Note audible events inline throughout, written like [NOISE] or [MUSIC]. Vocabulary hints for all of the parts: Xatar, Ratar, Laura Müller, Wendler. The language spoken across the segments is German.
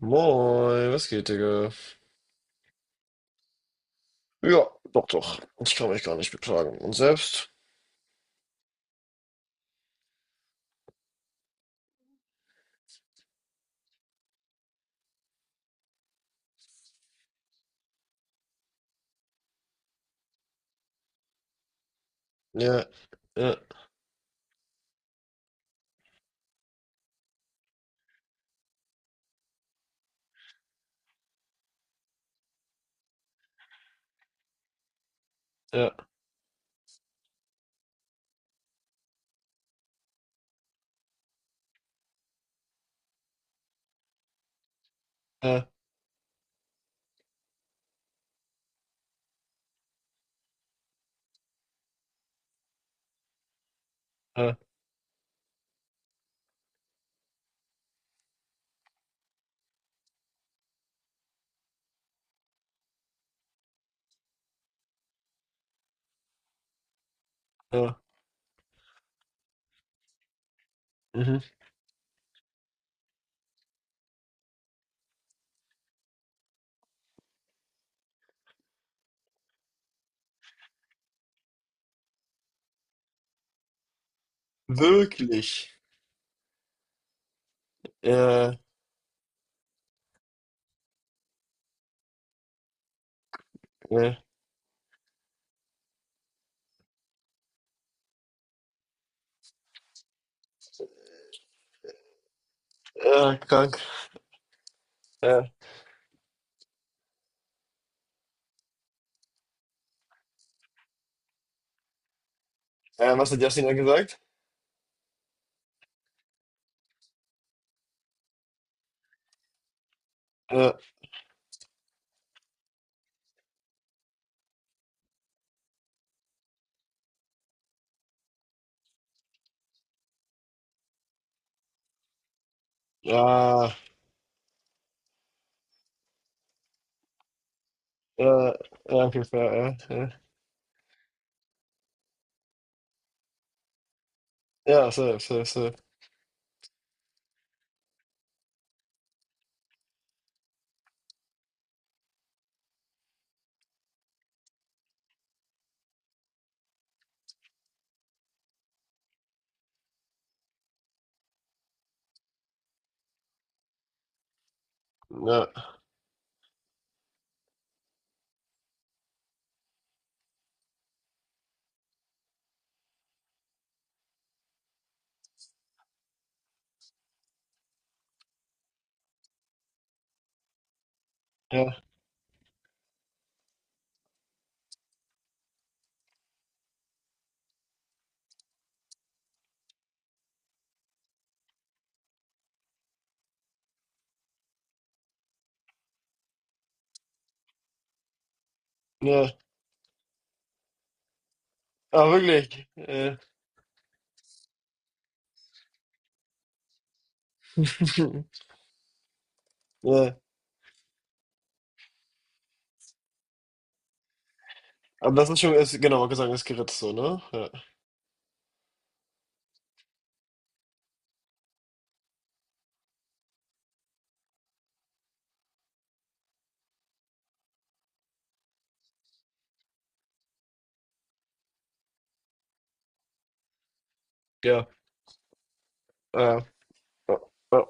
Moin, was geht, Digga? Ja, doch, doch. Ich kann mich gar nicht beklagen. Und selbst? Ja, ja, ja, ja, ja, ja. Mhm. Wirklich? Ja, ja, ja, krank. Ja. Was hat Jasmin da gesagt? Ja, ja, ja, ja, okay, fair, ja, ja. Ja, safe, safe, safe. Ja, ja, ja. Ah, wirklich? Ja. [LAUGHS] Ja. Aber das ist schon, ist, genau, Gesang ist geritzt, so, ne? Ja. Ja. Ja. Ja. Ja.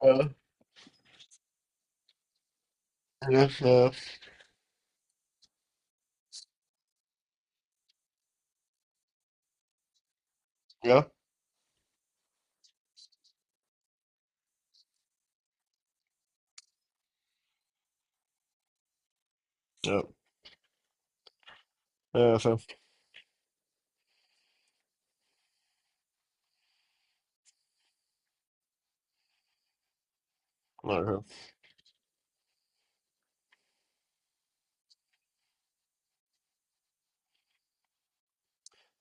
Ja. Ja, ja, ja, ja, ja, fair. Okay.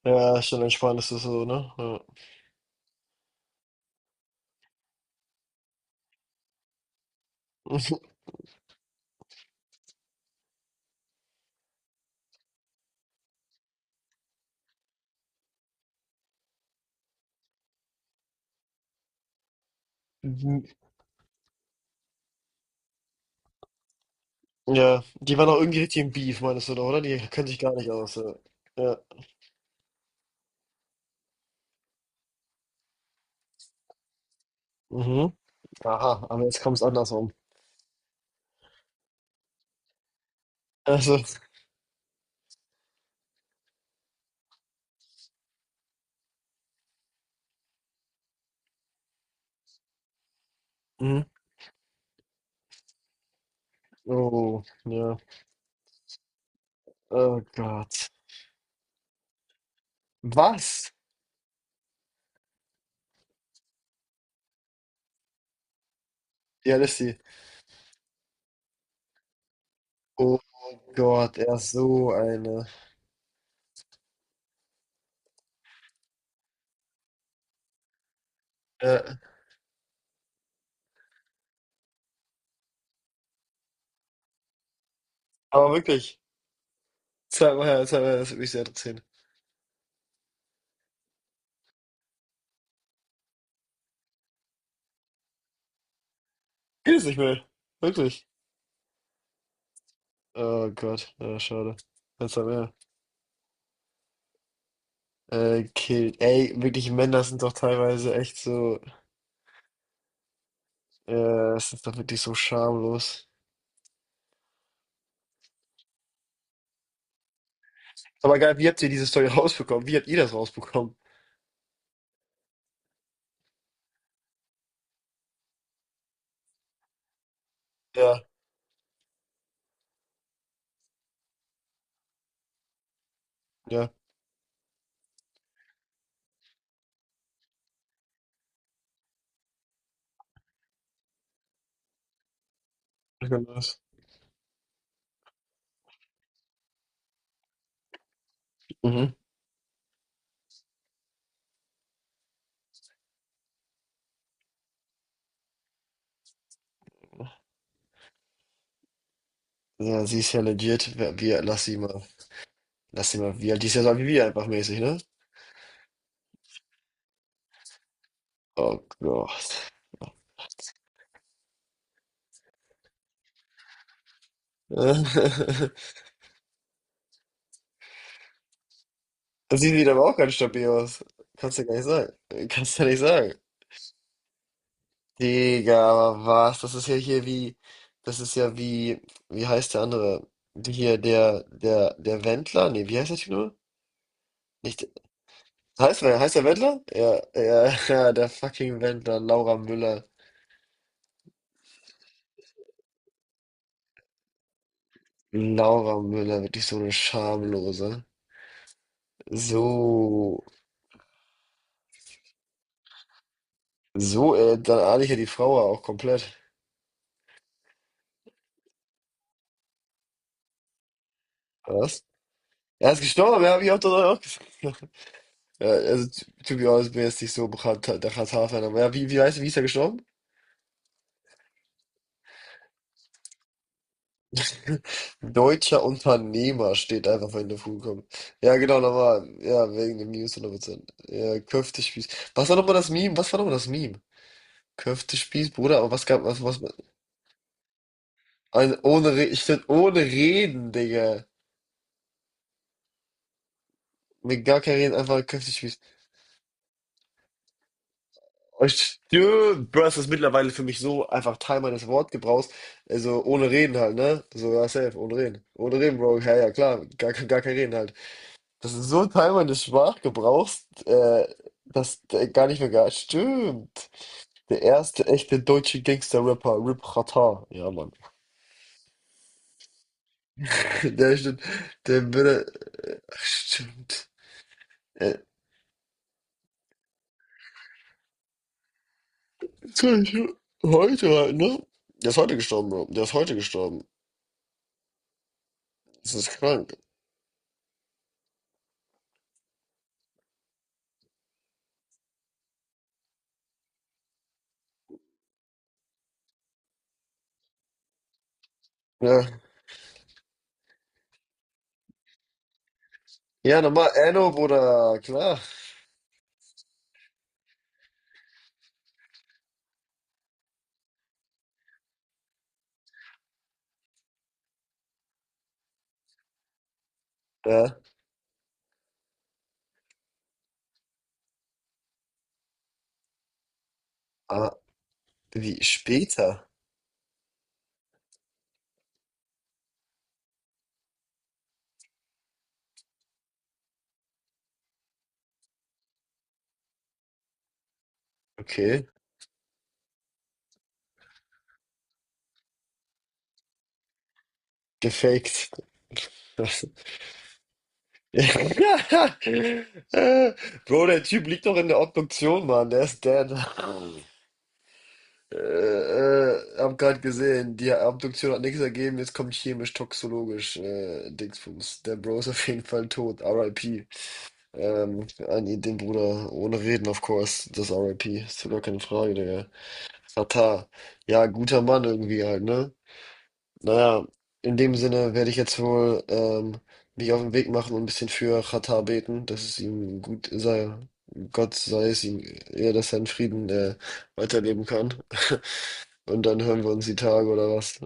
Ja, ist dann entspannt, ist das so, ne? Ja. Mhm. Ja, die waren auch irgendwie richtig im Beef, meinst du, doch, oder? Die können sich gar nicht aus. Ja. Ja. Mhm. Aha, aber jetzt kommt es andersrum. Also, mhm. Oh, ja. Oh Gott. Was? Ja, das ist sie. Oh Gott, er ist so eine. Ja. Aber wirklich, zweimal her, das hat mich sehr interessiert. Geht es nicht mehr. Wirklich. Oh Gott, ja, schade. Jetzt haben wir. Killt. Ey, wirklich Männer sind doch teilweise echt so, es ist doch wirklich so schamlos. Aber geil, wie habt ihr diese Story [LAUGHS] rausbekommen? Wie habt ihr das rausbekommen? Ja, ja, ich kann das. Mhm. Ja, sie ist ja legit. Wir, lass sie mal, wie alt die ist ja so wie wir einfach mäßig, ne? Oh Gott. [LAUGHS] Das sieht wieder aber auch ganz stabil aus. Kannst du gar nicht sagen. Kannst du nicht sagen. Digga, aber was? Das ist ja hier wie, das ist ja wie, wie heißt der andere? Die Hier, der Wendler? Nee, wie heißt der Typ nur? Nicht, heißt, er heißt der Wendler? Ja, ja, [LAUGHS] ja, der fucking Wendler, Laura Müller. Laura Müller, wirklich so eine Schamlose. So, so, dann ahne ich ja die Frau ja auch komplett. Was? Er ist gestorben, ja, hab ich auch, doch auch gesehen. [LAUGHS] Ja, also, to be honest, bin jetzt nicht so bekannt, der Katar-Fan, aber ja, wie, wie heißt, wie ist er gestorben? Deutscher Unternehmer steht einfach, wenn du vorkommst. Ja, genau, nochmal. Ja, wegen dem News hundert Prozent. Ja, Köftespieß. Was war nochmal das Meme? Was war nochmal das Meme? Köftespieß, Bruder, aber was gab, was, was, ein, ohne, ich find, ohne Reden, Digga. Mit gar kein Reden, einfach Köftespieß. Oh, stimmt, Bro, das ist mittlerweile für mich so einfach Teil meines Wortgebrauchs. Also, ohne Reden halt, ne? Sogar safe, ohne Reden. Ohne Reden, Bro. Ja, ja, klar. Gar, gar kein Reden halt. Das ist so ein Teil meines Sprachgebrauchs, das gar nicht mehr gar stimmt. Der erste echte deutsche Gangster-Rapper, Rip Ratar. Ja, Mann. [LAUGHS] Der stimmt. Der würde. Ach, stimmt. Äh, sorry, heute halt, ne? Der ist heute gestorben, Bro. Der ist heute gestorben. Das ist krank. Ja. Ja, nochmal. Enno, Bruder. Klar. Ja. Ah, wie? Später? Okay. Gefaked. [LAUGHS] [LAUGHS] Äh, Bro, der Typ liegt doch in der Obduktion, Mann. Der ist dead. Hab grad gesehen, die Obduktion hat nichts ergeben. Jetzt kommt chemisch-toxologisch Dingsbums. Der Bro ist auf jeden Fall tot. RIP. An ihn, den Bruder. Ohne Reden, of course. Das RIP. Ist doch gar keine Frage, Digga. Tata. Ja, guter Mann irgendwie halt, ne? Naja, in dem Sinne werde ich jetzt wohl mich auf den Weg machen und ein bisschen für Xatar beten, dass es ihm gut sei. Gott sei es ihm, ja, dass er in Frieden weiterleben kann. [LAUGHS] Und dann hören wir uns die Tage oder was?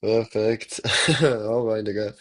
Perfekt. [LAUGHS] Hau rein, Digga.